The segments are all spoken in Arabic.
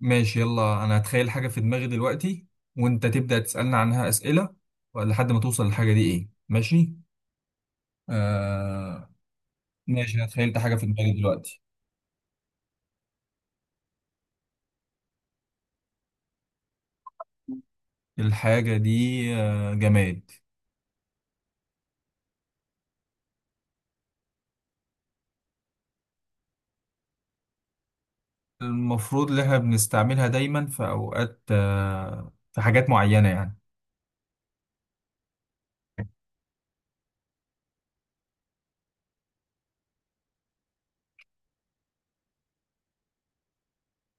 ماشي يلا انا هتخيل حاجة في دماغي دلوقتي وانت تبدأ تسألني عنها أسئلة لحد ما توصل للحاجة دي ايه. ماشي. آه. ماشي، انا تخيلت حاجة في دماغي دلوقتي. الحاجة دي آه جماد. المفروض ان احنا بنستعملها دايما في اوقات، في حاجات معينة يعني.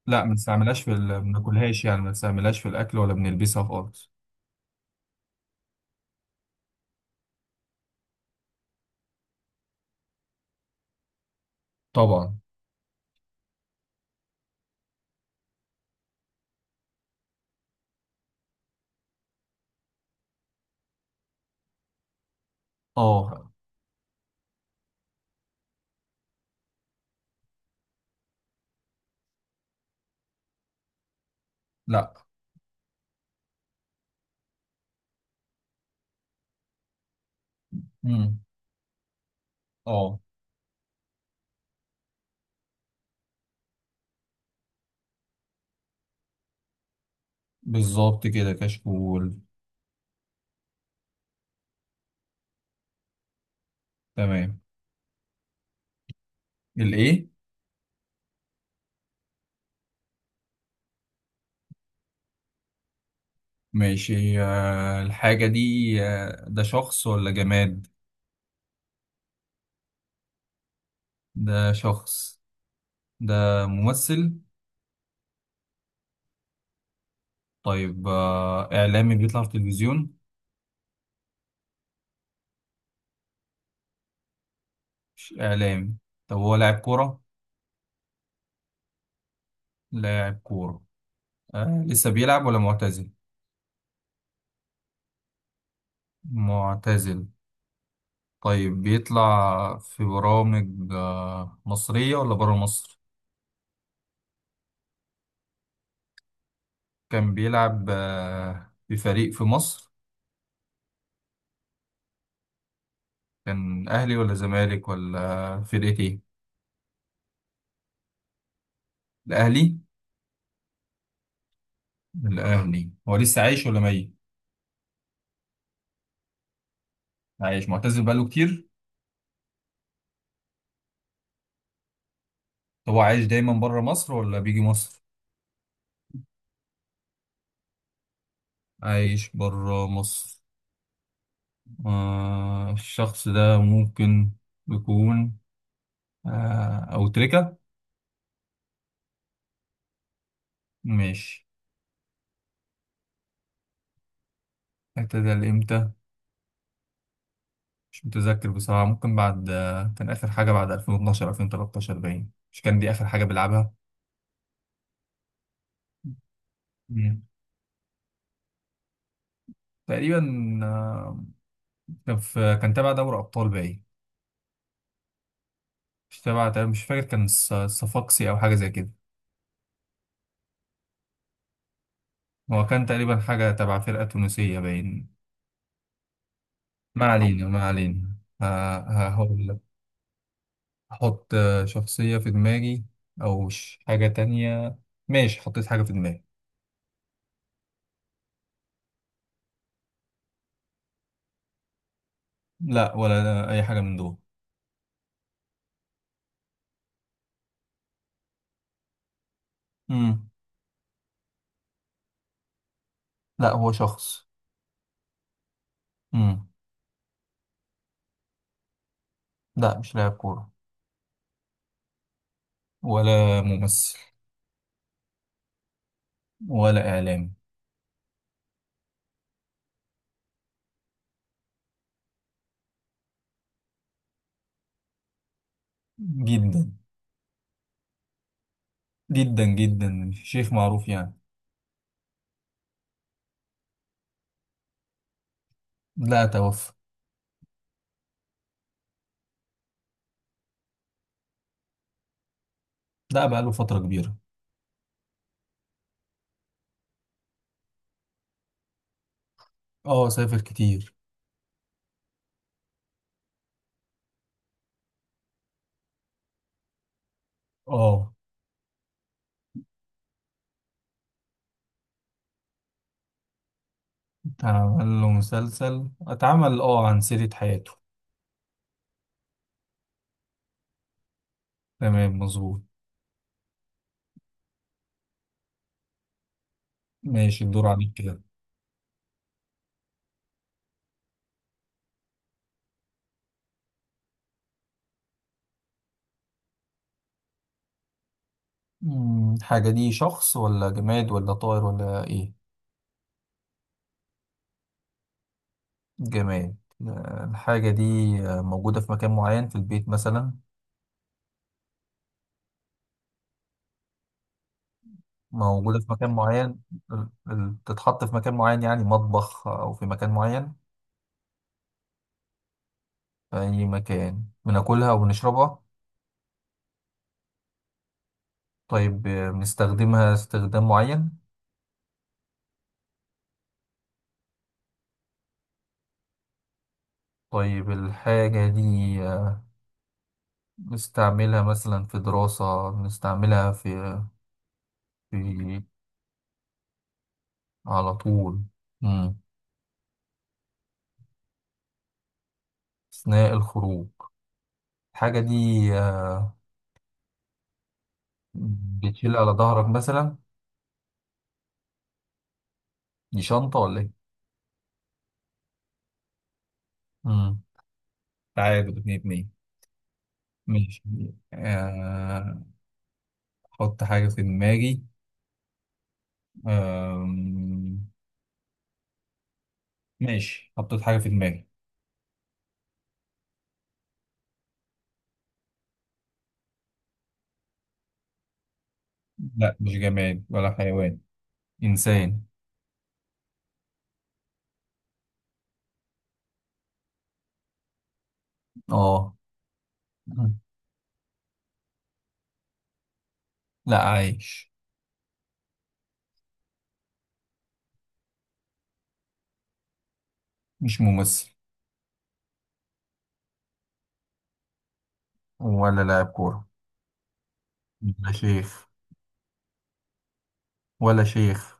لا، ما بنستعملهاش ما بناكلهاش يعني، ما بنستعملهاش في الاكل ولا بنلبسها خالص. طبعا. اه. لا. امم اه. بالظبط كده، كشكول. تمام. الايه؟ ماشي. الحاجة دي ده شخص ولا جماد؟ ده شخص. ده ممثل؟ طيب إعلامي بيطلع في التلفزيون؟ مش إعلامي؟ طب هو لاعب كورة؟ لاعب كورة. لسه بيلعب ولا معتزل؟ معتزل. طيب بيطلع في برامج مصرية ولا برا مصر؟ كان بيلعب في فريق في مصر. كان أهلي ولا زمالك ولا فرقة إيه؟ الأهلي. الأهلي، هو لسه عايش ولا ميت؟ عايش معتزل بقاله كتير. طب هو عايش دايما بره مصر ولا بيجي مصر؟ عايش بره مصر. آه الشخص ده ممكن يكون آه أو تركة. ماشي. اعتزل امتى؟ مش متذكر بصراحة. ممكن بعد آه كان آخر حاجة بعد 2012 2013 باين، مش كان دي آخر حاجة بيلعبها. مم. تقريبا آه كان في كان تابع دوري أبطال باين. مش فاكر، كان الصفاقسي أو حاجة زي كده. هو كان تقريبا حاجة تبع فرقة تونسية باين. ما علينا ما علينا. هقول لك. أحط شخصية في دماغي حاجة تانية. ماشي، حطيت حاجة في دماغي. لا ولا أي حاجة من دول. مم. لا هو شخص. مم. لا مش لاعب كورة ولا ممثل ولا إعلامي. جدا. جدا جدا شيخ معروف يعني. لا توفى. لا بقاله فترة كبيرة. اه سافر كتير. اه. أعمل له مسلسل، أتعمل أه عن سيرة حياته. تمام مظبوط. ماشي، الدور عليك كده. الحاجة دي شخص ولا جماد ولا طائر ولا إيه؟ جماد. الحاجة دي موجودة في مكان معين في البيت مثلا؟ موجودة في مكان معين. تتحط في مكان معين يعني مطبخ أو في مكان معين؟ في أي مكان بناكلها وبنشربها؟ طيب بنستخدمها استخدام معين؟ طيب الحاجة دي نستعملها مثلا في دراسة، بنستعملها في. على طول. مم. أثناء الخروج. الحاجة دي آه، بتشيل على ظهرك مثلا؟ دي شنطة ولا إيه؟ مم. تعادل اتنين اتنين. ماشي. آه. أحط حاجة في دماغي. آم، ماشي، حطيت حاجة في دماغي. لا مش جماد ولا حيوان. إنسان. اه. مم. لا عايش. مش ممثل. ولا لاعب كورة. لا شيخ. ولا شيخ.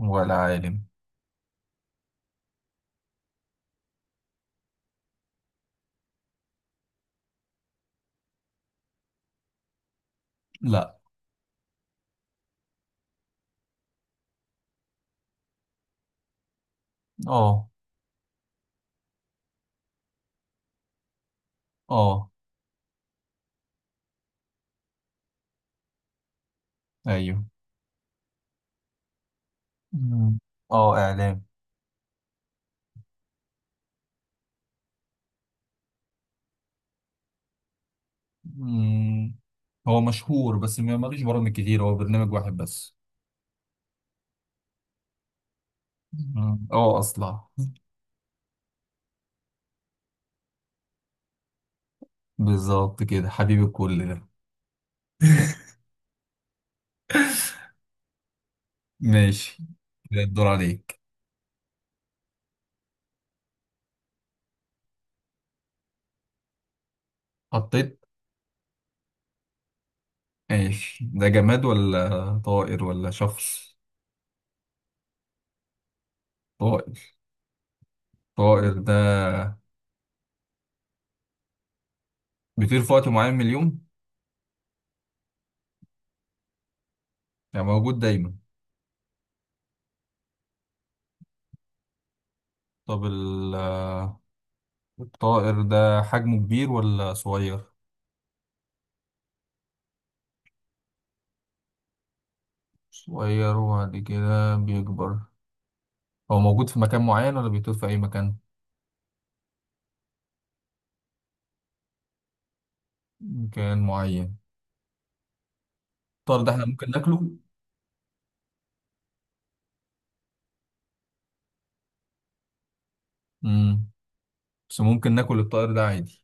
ولا عالم. لا. اه. اه. ايوه. مم. اه اعلام. مم. هو مشهور بس ما ماليش برامج كتير، هو برنامج واحد بس. مم. اه اصلا. بالظبط كده، حبيب الكل ده. ماشي. كده الدور عليك. حطيت. ماشي، ده جماد ولا طائر ولا شخص؟ طائر. طائر ده بيطير في وقت معين من اليوم؟ يعني موجود دايما. طب الطائر ده حجمه كبير ولا صغير؟ صغير وبعد كده بيكبر. هو موجود في مكان معين ولا بيطير في أي مكان؟ مكان معين. الطائر ده احنا ممكن ناكله؟ مم. بس ممكن ناكل الطائر ده عادي؟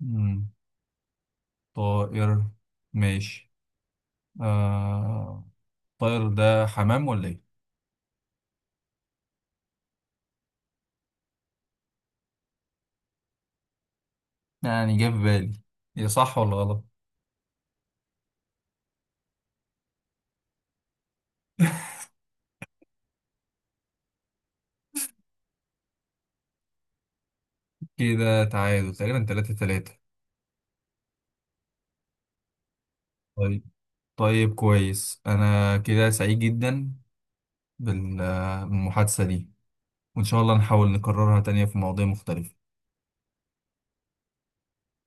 مم. طائر. ماشي. آه. الطائر ده حمام ولا ايه؟ يعني جه في بالي. هي صح ولا غلط؟ كده تعادل تقريبا تلاتة تلاتة. طيب. طيب كويس، أنا كده سعيد جدا بال- بالمحادثة دي، وإن شاء الله نحاول نكررها تانية في مواضيع مختلفة.